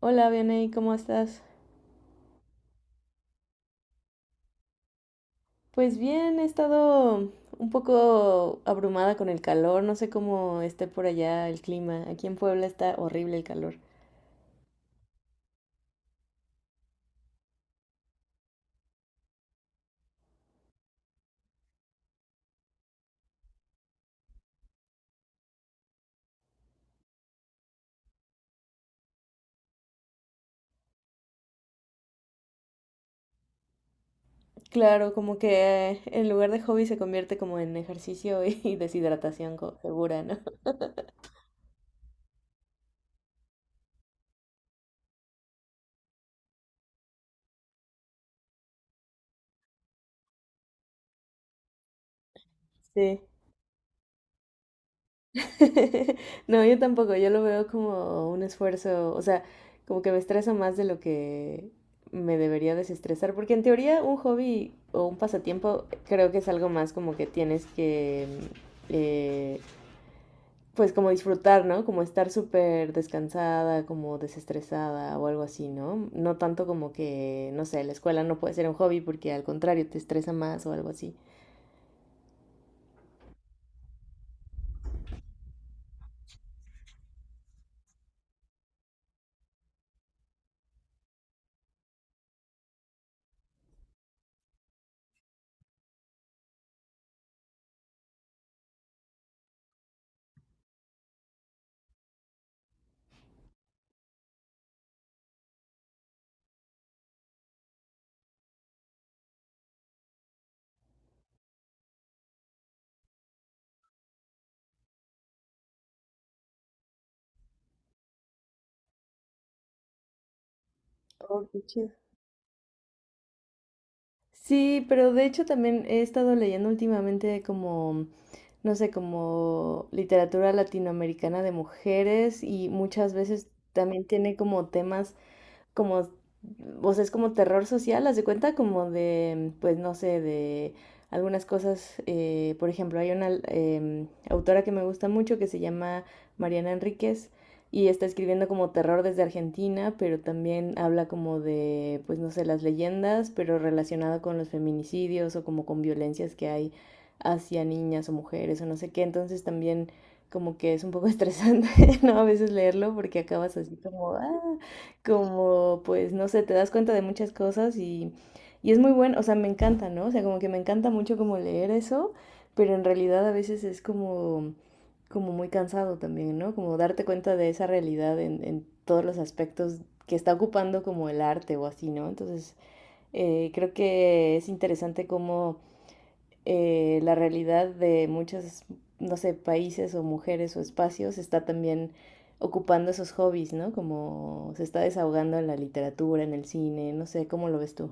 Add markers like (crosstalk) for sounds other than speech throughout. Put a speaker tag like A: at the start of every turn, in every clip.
A: Hola, Vianey, ¿cómo estás? Pues bien, he estado un poco abrumada con el calor, no sé cómo esté por allá el clima. Aquí en Puebla está horrible el calor. Claro, como que en lugar de hobby se convierte como en ejercicio y (laughs) deshidratación segura, ¿no? Sí. (laughs) No, yo tampoco, yo lo veo como un esfuerzo, o sea, como que me estresa más de lo que me debería desestresar, porque en teoría un hobby o un pasatiempo creo que es algo más como que tienes que, mm, eh, pues como disfrutar, ¿no? Como estar súper descansada, como desestresada o algo así, ¿no? No tanto como que, no sé, la escuela no puede ser un hobby porque al contrario te estresa más o algo así. Oh, qué chido. Sí, pero de hecho también he estado leyendo últimamente como no sé, como literatura latinoamericana de mujeres y muchas veces también tiene como temas como, o sea, es como terror social, haz de cuenta, como de, pues no sé, de algunas cosas, por ejemplo, hay una autora que me gusta mucho que se llama Mariana Enríquez y está escribiendo como terror desde Argentina, pero también habla como de, pues no sé, las leyendas, pero relacionado con los feminicidios o como con violencias que hay hacia niñas o mujeres o no sé qué, entonces también como que es un poco estresante, (laughs) ¿no? A veces leerlo porque acabas así como, ah, como pues no sé, te das cuenta de muchas cosas y es muy bueno, o sea, me encanta, ¿no? O sea, como que me encanta mucho como leer eso, pero en realidad a veces es como, como muy cansado también, ¿no? Como darte cuenta de esa realidad en todos los aspectos que está ocupando como el arte o así, ¿no? Entonces, creo que es interesante cómo la realidad de muchos, no sé, países o mujeres o espacios está también ocupando esos hobbies, ¿no? Como se está desahogando en la literatura, en el cine, no sé, ¿cómo lo ves tú?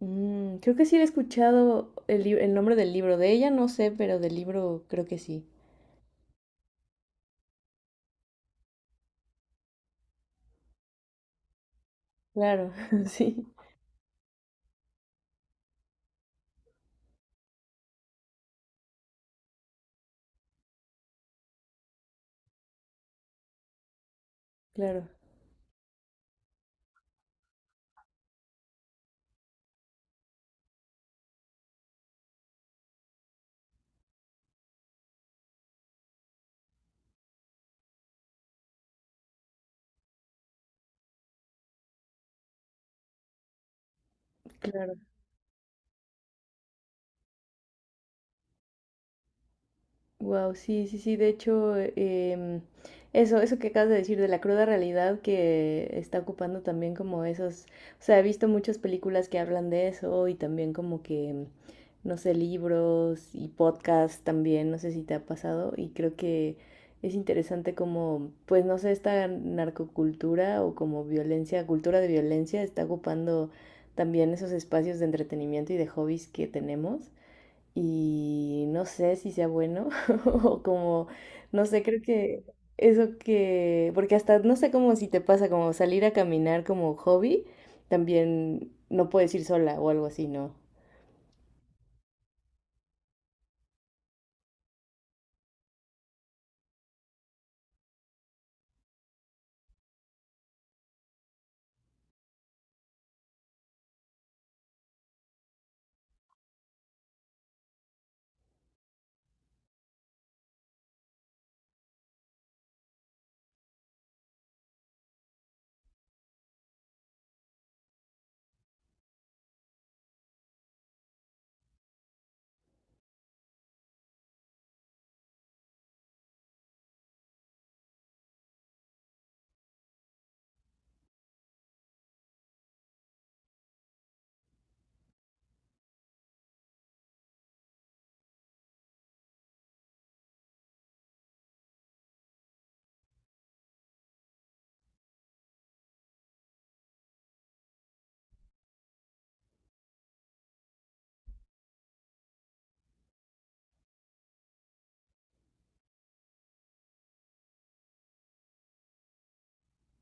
A: Mm, creo que sí he escuchado el nombre del libro, de ella no sé, pero del libro creo que sí. Claro, (laughs) sí, claro, claro. Wow, sí, sí, sí. De hecho, eso que acabas de decir de la cruda realidad que está ocupando también como esos. O sea, he visto muchas películas que hablan de eso y también como que, no sé, libros y podcasts también. No sé si te ha pasado y creo que es interesante como, pues no sé, esta narcocultura o como violencia, cultura de violencia está ocupando también esos espacios de entretenimiento y de hobbies que tenemos y no sé si sea bueno (laughs) o como, no sé, creo que eso que, porque hasta no sé cómo si te pasa como salir a caminar como hobby, también no puedes ir sola o algo así, ¿no?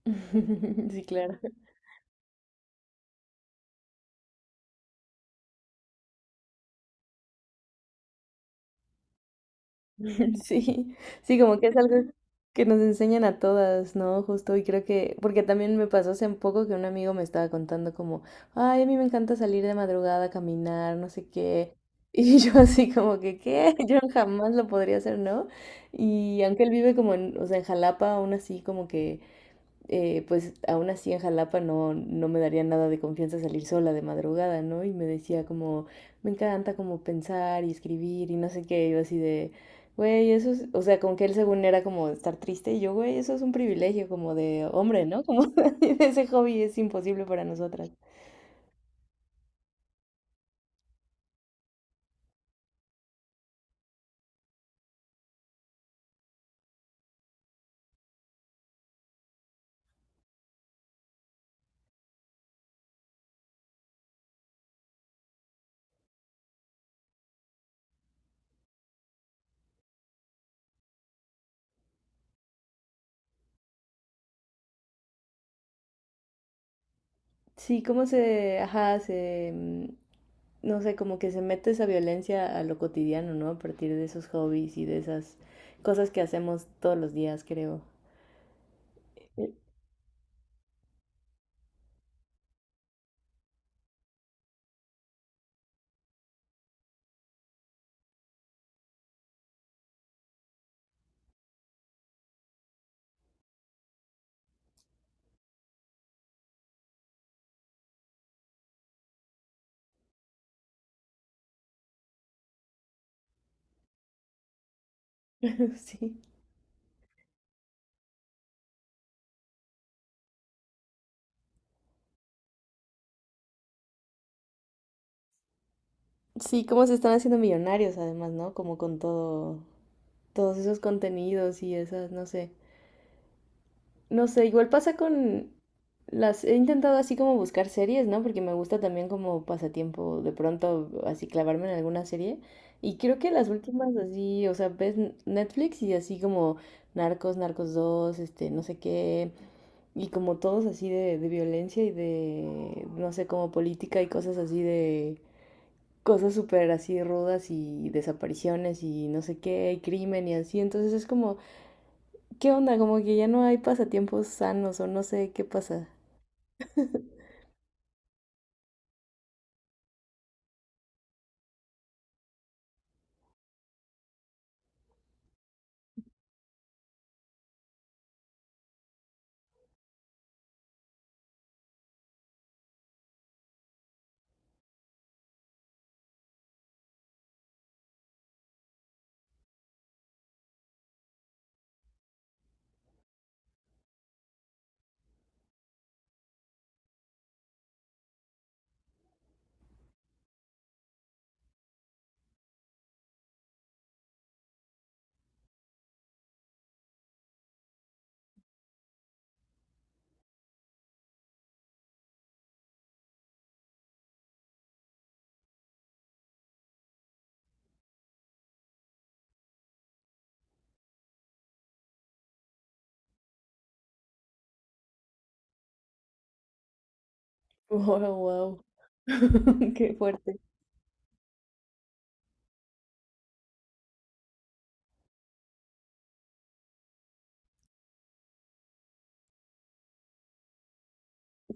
A: (laughs) Sí, claro. (laughs) Sí, sí, como que es algo que nos enseñan a todas, ¿no? Justo, y creo que, porque también me pasó hace poco que un amigo me estaba contando como, ay, a mí me encanta salir de madrugada a caminar, no sé qué. (laughs) Y yo así como que, ¿qué? (laughs) Yo jamás lo podría hacer, ¿no? Y aunque él vive como en, o sea, en Jalapa, aún así como que pues aún así en Jalapa no me daría nada de confianza salir sola de madrugada, ¿no? Y me decía como, me encanta como pensar y escribir y no sé qué, yo así de, güey, eso es, o sea, como que él según era como estar triste y yo, güey, eso es un privilegio como de hombre, ¿no? Como (laughs) ese hobby es imposible para nosotras. Sí, cómo ajá, no sé, como que se mete esa violencia a lo cotidiano, ¿no? A partir de esos hobbies y de esas cosas que hacemos todos los días, creo. (laughs) Sí. Sí, cómo se están haciendo millonarios además, ¿no? Como con todo, todos esos contenidos y esas, no sé. No sé, igual pasa con las... He intentado así como buscar series, ¿no? Porque me gusta también como pasatiempo de pronto así clavarme en alguna serie. Y creo que las últimas así, o sea, ves Netflix y así como Narcos, Narcos dos este, no sé qué. Y como todos así de violencia y de, no sé, como política y cosas así de cosas súper así rudas y desapariciones y no sé qué, y crimen y así. Entonces es como, ¿qué onda? Como que ya no hay pasatiempos sanos o no sé qué pasa. Wow, wow. (laughs) Qué fuerte.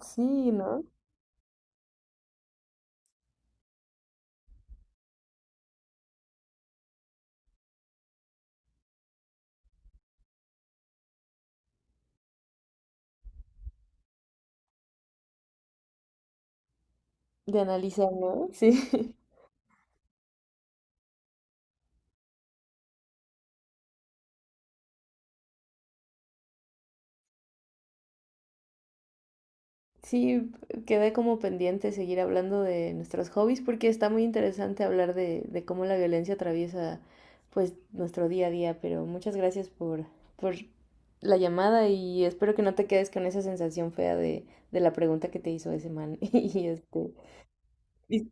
A: Sí, ¿no? De analizar, ¿no? Sí. Sí, quedé como pendiente seguir hablando de nuestros hobbies porque está muy interesante hablar de cómo la violencia atraviesa pues nuestro día a día, pero muchas gracias por la llamada y espero que no te quedes con esa sensación fea de la pregunta que te hizo ese man. (laughs) Y este, y-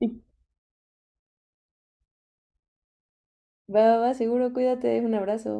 A: y- va, va, va, seguro, cuídate, un abrazo.